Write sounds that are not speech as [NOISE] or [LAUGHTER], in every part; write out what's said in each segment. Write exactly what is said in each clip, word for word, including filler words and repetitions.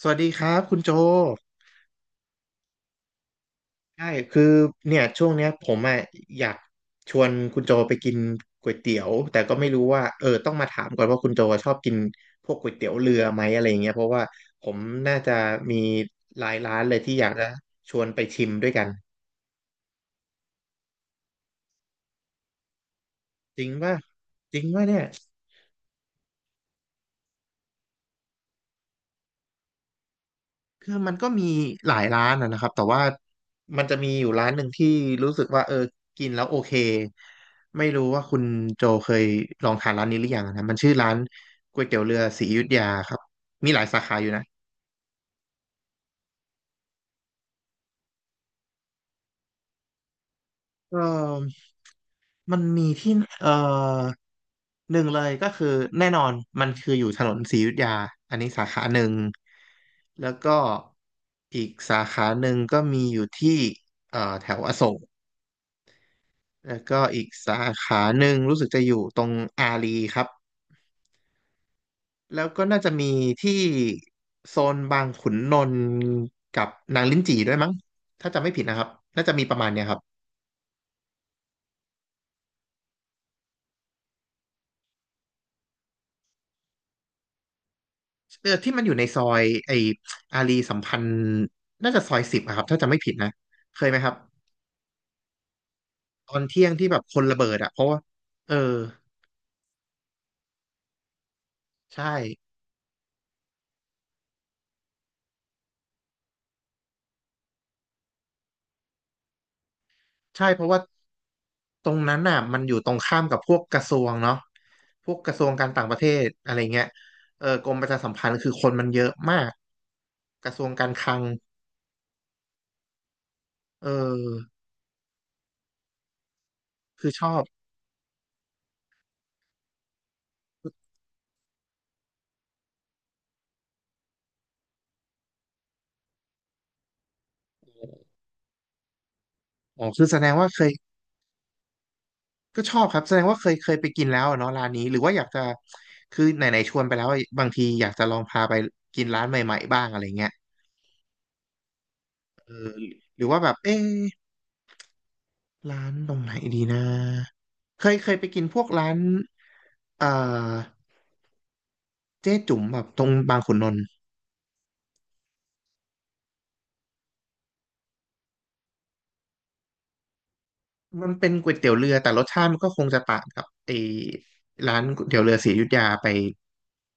สวัสดีครับคุณโจใช่คือเนี่ยช่วงเนี้ยผมอ่ะอยากชวนคุณโจไปกินก๋วยเตี๋ยว แต่ก็ไม่รู้ว่าเออต้องมาถามก่อนว่าคุณโจชอบกินพวกก๋วยเตี๋ยวเรือไหม อะไรเงี้ยเพราะว่าผมน่าจะมีหลายร้านเลยที่อยากจะชวนไปชิมด้วยกัน จริงป่ะจริงป่ะเนี่ย คือมันก็มีหลายร้านนะนะครับแต่ว่ามันจะมีอยู่ร้านหนึ่งที่รู้สึกว่าเออกินแล้วโอเคไม่รู้ว่าคุณโจเคยลองทานร้านนี้หรือยังนะมันชื่อร้านก๋วยเตี๋ยวเรือศรีอยุธยาครับมีหลายสาขาอยู่นะเออมันมีที่เออหนึ่งเลยก็คือแน่นอนมันคืออยู่ถนนศรีอยุธยาอันนี้สาขาหนึ่งแล้วก็อีกสาขาหนึ่งก็มีอยู่ที่เอ่อแถวอโศก แล้วก็อีกสาขาหนึ่งรู้สึกจะอยู่ตรงอารีครับแล้วก็น่าจะมีที่โซนบางขุนนนท์กับนางลิ้นจี่ด้วยมั้งถ้าจำไม่ผิดนะครับน่าจะมีประมาณเนี้ยครับเออที่มันอยู่ในซอยไออารีสัมพันธ์น่าจะซอยสิบอะครับถ้าจำไม่ผิดนะเคยไหมครับตอนเที่ยงที่แบบคนระเบิดอะเพราะว่าเออใช่ ใช่เพราะว่าตรงนั้นน่ะมันอยู่ตรงข้ามกับพวกกระทรวงเนาะพวกกระทรวงการต่างประเทศอะไรเงี้ยเออกรมประชาสัมพันธ์คือคนมันเยอะมากกระทรวงการคลังเออคือชอบอ๋อคือแสดงว่าเคยก็ชอบครับแสดงว่าเคยเคยไปกินแล้วอะเนาะร้านนี้หรือว่าอยากจะคือไหนๆชวนไปแล้วอะบางทีอยากจะลองพาไปกินร้านใหม่ๆบ้างอะไรเงี้ยเออหรือว่าแบบเอ๊ะร้านตรงไหนดีนะเคยเคยไปกินพวกร้านเอ่อ เจ๊จุ๋มแบบตรงบางขุนนนท์มันเป็นก๋วยเตี๋ยวเรือแต่รสชาติมันก็คงจะต่างกับไอ้ร้านก๋วยเตี๋ยวเรือศรีอยุธยาไป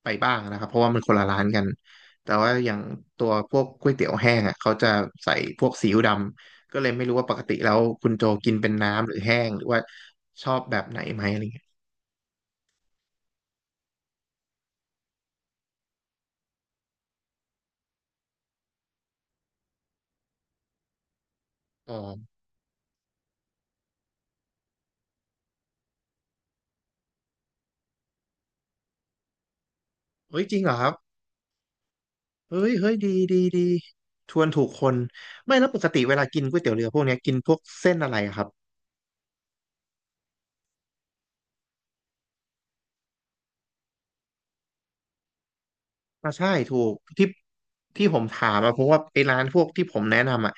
ไปบ้างนะครับเพราะว่ามันคนละร้านกันแต่ว่าอย่างตัวพวกก๋วยเตี๋ยวแห้งอ่ะเขาจะใส่พวกซีอิ๊วดำก็เลยไม่รู้ว่าปกติแล้วคุณโจกินเป็นน้ำหรือแห้งหรือว่าชอบแบบไหนไหมอะไรเงี้ยอ๋อเฮ้ยจริงเหรอครับเฮ้ยเฮ้ยดีดีดีชวนถูกคนไม่แล้วปกติเวลากินก๋วยเตี๋ยวเรือพวกเนี้ยกินพวกเส้นอะไรอะครับ อ่าใช่ถูกที่ที่ผมถามอะเพราะว่าไอ้ร้านพวกที่ผมแนะนำอะ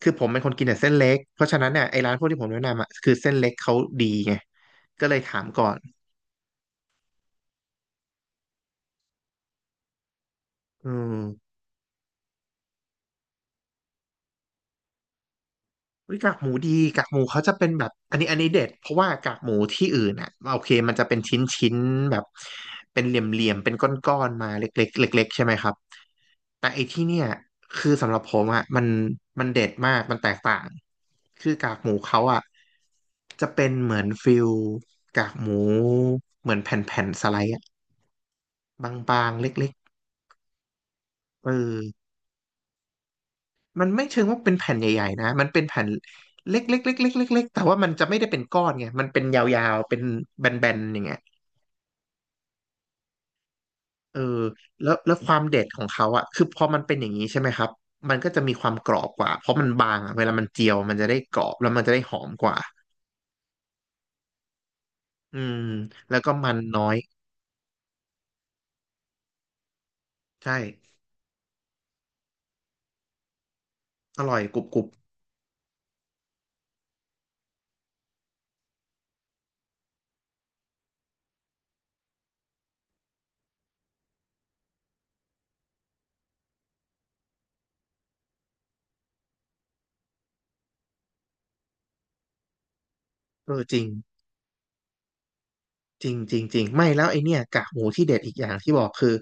คือผมเป็นคนกินแต่เส้นเล็กเพราะฉะนั้นเนี่ยไอ้ร้านพวกที่ผมแนะนำอะคือเส้นเล็กเขาดีไงก็เลยถามก่อนอืมเฮ้ยกากหมูดีกากหมูเขาจะเป็นแบบอันนี้อันนี้เด็ดเพราะว่ากากหมูที่อื่นอะโอเคมันจะเป็นชิ้นชิ้นแบบเป็นเหลี่ยมเหลี่ยมเป็นก้อนๆมาเล็กๆเล็กๆใช่ไหมครับ แต่ไอ้ที่เนี่ยคือสำหรับผมอ่ะมันมันเด็ดมากมันแตกต่างคือกากหมูเขาอ่ะจะเป็นเหมือนฟิลกากหมูเหมือนแผ่นแผ่นสไลด์อ่ะบางๆเล็กๆเออมันไม่เชิงว่าเป็นแผ่นใหญ่ๆนะมันเป็นแผ่นเล็กๆเล็กๆเล็กๆแต่ว่ามันจะไม่ได้เป็นก้อนไงมันเป็นยาวๆเป็นแบนๆอย่างเงี้ยเออแล้วแล้วความเด็ดของเขาอ่ะคือพอมันเป็นอย่างนี้ใช่ไหมครับมันก็จะมีความกรอบกว่าเพราะมันบางอะเวลามันเจียวมันจะได้กรอบแล้วมันจะได้หอมกว่า อืมแล้วก็มันน้อยใช่อร่อยกรุบกรุบเออจริงจริงจริงจริงไม่แล้วไอเนี่ยกากหมูที่เด็ดอีกอย่างที่บอกคือ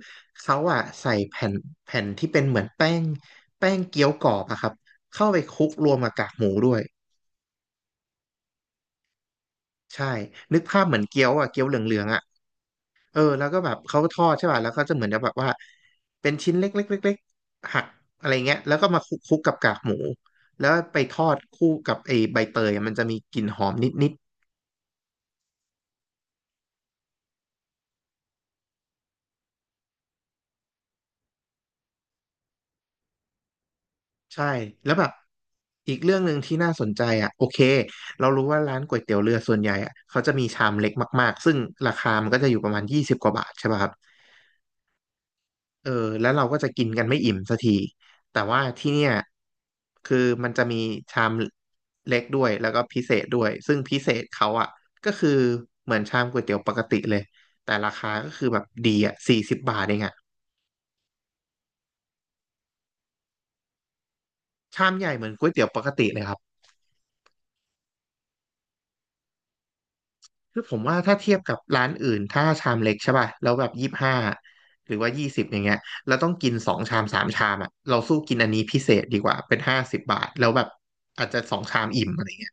เขาอะใส่แผ่นแผ่นที่เป็นเหมือนแป้งแป้งเกี๊ยวกรอบอะครับเข้าไปคลุกรวมกับกากหมูด้วยใช่นึกภาพเหมือนเกี๊ยวอะเกี๊ยวเหลืองๆอะเออแล้วก็แบบเขาทอดใช่ป่ะแล้วก็จะเหมือนแบบว่าเป็นชิ้นเล็กๆๆๆหักอะไรเงี้ยแล้วก็มาคลุกคลุกกับกากหมูแล้วไปทอดคู่กับไอใบเตยอะมันจะมีกลิ่นหอมนิดๆ ใช่แล้วแบบอีกเรื่องหนึ่งที่น่าสนใจอ่ะโอเคเรารู้ว่าร้านก๋วยเตี๋ยวเรือส่วนใหญ่อ่ะเขาจะมีชามเล็กมากๆซึ่งราคามันก็จะอยู่ประมาณยี่สิบกว่าบาทใช่ป่ะครับเออแล้วเราก็จะกินกันไม่อิ่มสักทีแต่ว่าที่เนี่ยคือมันจะมีชามเล็กด้วยแล้วก็พิเศษด้วยซึ่งพิเศษเขาอ่ะก็คือเหมือนชามก๋วยเตี๋ยวปกติเลยแต่ราคาก็คือแบบดีอ่ะสี่สิบบาทเองอ่ะชามใหญ่เหมือนก๋วยเตี๋ยวปกติเลยครับ คือผมว่าถ้าเทียบกับร้านอื่นถ้าชามเล็กใช่ป่ะแล้วแบบยี่สิบห้าหรือว่ายี่สิบอย่างเงี้ยเราต้องกินสองชามสามชามอ่ะเราสู้กินอันนี้พิเศษดีกว่าเป็นห้าสิบบาทแล้วแบบอาจจะสองชามอิ่มอะไรเงี้ย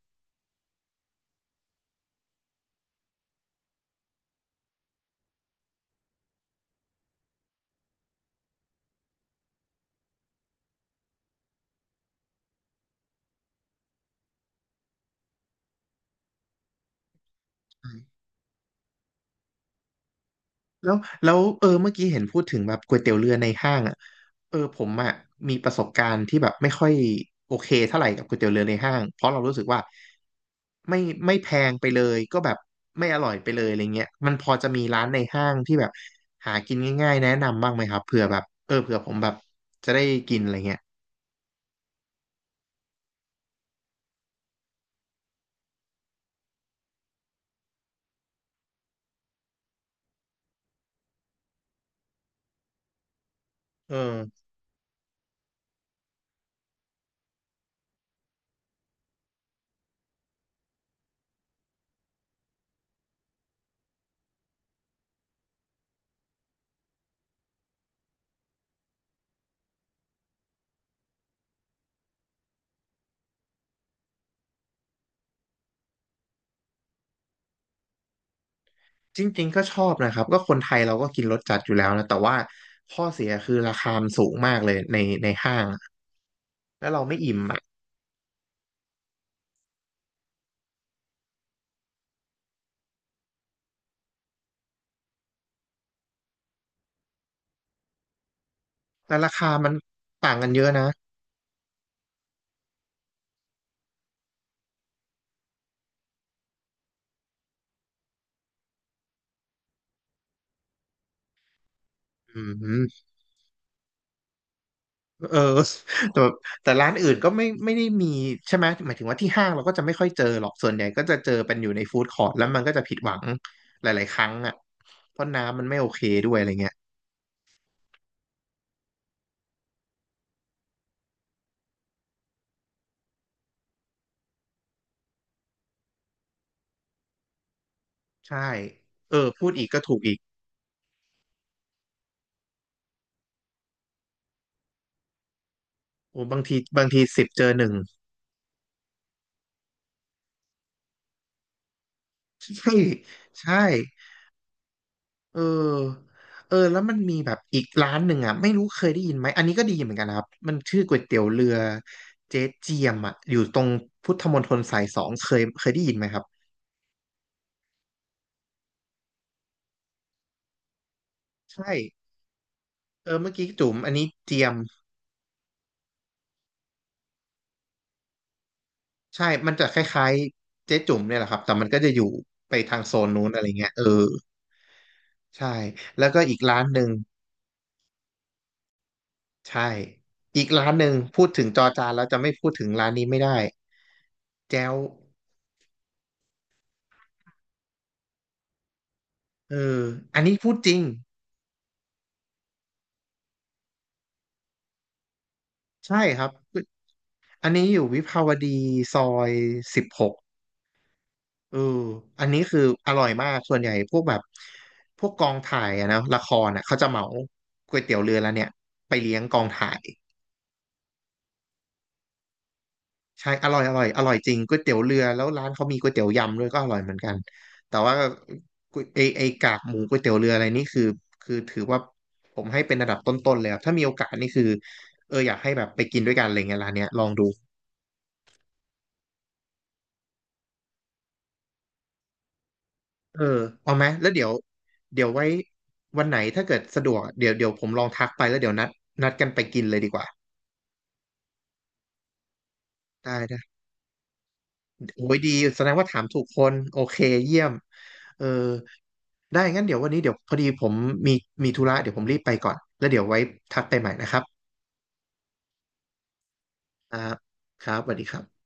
แล้วแล้วเออเมื่อกี้เห็นพูดถึงแบบก๋วยเตี๋ยวเรือในห้างอ่ะเออผมอ่ะมีประสบการณ์ที่แบบไม่ค่อยโอเคเท่าไหร่กับก๋วยเตี๋ยวเรือในห้างเพราะเรารู้สึกว่าไม่ไม่แพงไปเลยก็แบบไม่อร่อยไปเลยอะไรเงี้ยมันพอจะมีร้านในห้างที่แบบหากินง่ายๆแนะนำบ้างไหมครับเผื่อแบบเออเผื่อผมแบบจะได้กินอะไรเงี้ยเออจริงๆก็ชอบนะครับก็คนไทยเราก็กินรสจัดอยู่แล้วนะแต่ว่าข้อเสียคือราคามันสูงมากเลยในในห้างแล้วเราไม่อิ่มอะ แต่ราคามันต่างกันเยอะนะอืมเออ [LAUGHS] แต่แต่ร้านอื่นก็ไม่ไม่ได้มีใช่ไหมหมายถึงว่าที่ห้างเราก็จะไม่ค่อยเจอหรอกส่วนใหญ่ก็จะเจอเป็นอยู่ในฟู้ดคอร์ทแล้วมันก็จะผิดหวังหลายๆครั้งอ่ะเพราะน้ำมันไม่โอเคด้วยอะไรเงี้ยใช่เออพูดอีกก็ถูกอีกโอ้บางทีบางทีสิบเจอหนึ่ง [LAUGHS] ใช่ใช่ เออเออแล้วมันมีแบบอีกร้านหนึ่งอ่ะไม่รู้เคยได้ยินไหมอันนี้ก็ดีเหมือนกันนะครับมันชื่อก๋วยเตี๋ยวเรือเจ๊เจียมอ่ะอยู่ตรงพุทธมณฑลสายสองเคยเคยได้ยินไหมครับใช่เออเมื่อกี้จุ๋มอันนี้เจียมใช่มันจะคล้ายๆเจ๊จุ๋มเนี่ยแหละครับแต่มันก็จะอยู่ไปทางโซนนู้นอะไรเงี้ยเออใช่แล้วก็อีกร้านหนึ่งใช่อีกร้านหนึ่งพูดถึงจอจานแล้วจะไม่พูดถึงร้านนี้ไม่ได้แจ้วเอออันนี้พูดจริงใช่ครับ อันนี้อยู่วิภาวดีซอยสิบหกเอออันนี้คืออร่อยมากส่วนใหญ่พวกแบบพวกกองถ่ายอะนะละครอะเขาจะเหมาก๋วยเตี๋ยวเรือแล้วเนี่ยไปเลี้ยงกองถ่ายใช่อร่อยอร่อยอร่อยจริงก๋วยเตี๋ยวเรือแล้วร้านเขามีก๋วยเตี๋ยวยำด้วยก็อร่อยเหมือนกันแต่ว่าก๋วยไอไอกากหมูก๋วยเตี๋ยวเรืออะไรนี่คือคือถือว่าผมให้เป็นระดับต้นๆเลยครับถ้ามีโอกาสนี่คือเอออยากให้แบบไปกินด้วยกันอะไรเงี้ยร้านเนี้ยลองดู เออเอาไหมแล้วเดี๋ยวเดี๋ยวไว้วันไหนถ้าเกิดสะดวกเดี๋ยวเดี๋ยวผมลองทักไปแล้วเดี๋ยวนัดนัดกันไปกินเลยดีกว่าได้ได้โอ้ยดีแสดงว่าถามถูกคนโอเคเยี่ยมเออได้งั้นเดี๋ยววันนี้เดี๋ยวพอดีผมมีมีธุระเดี๋ยวผมรีบไปก่อนแล้วเดี๋ยวไว้ทักไปใหม่นะครับอ่าครับสวัสดีครับ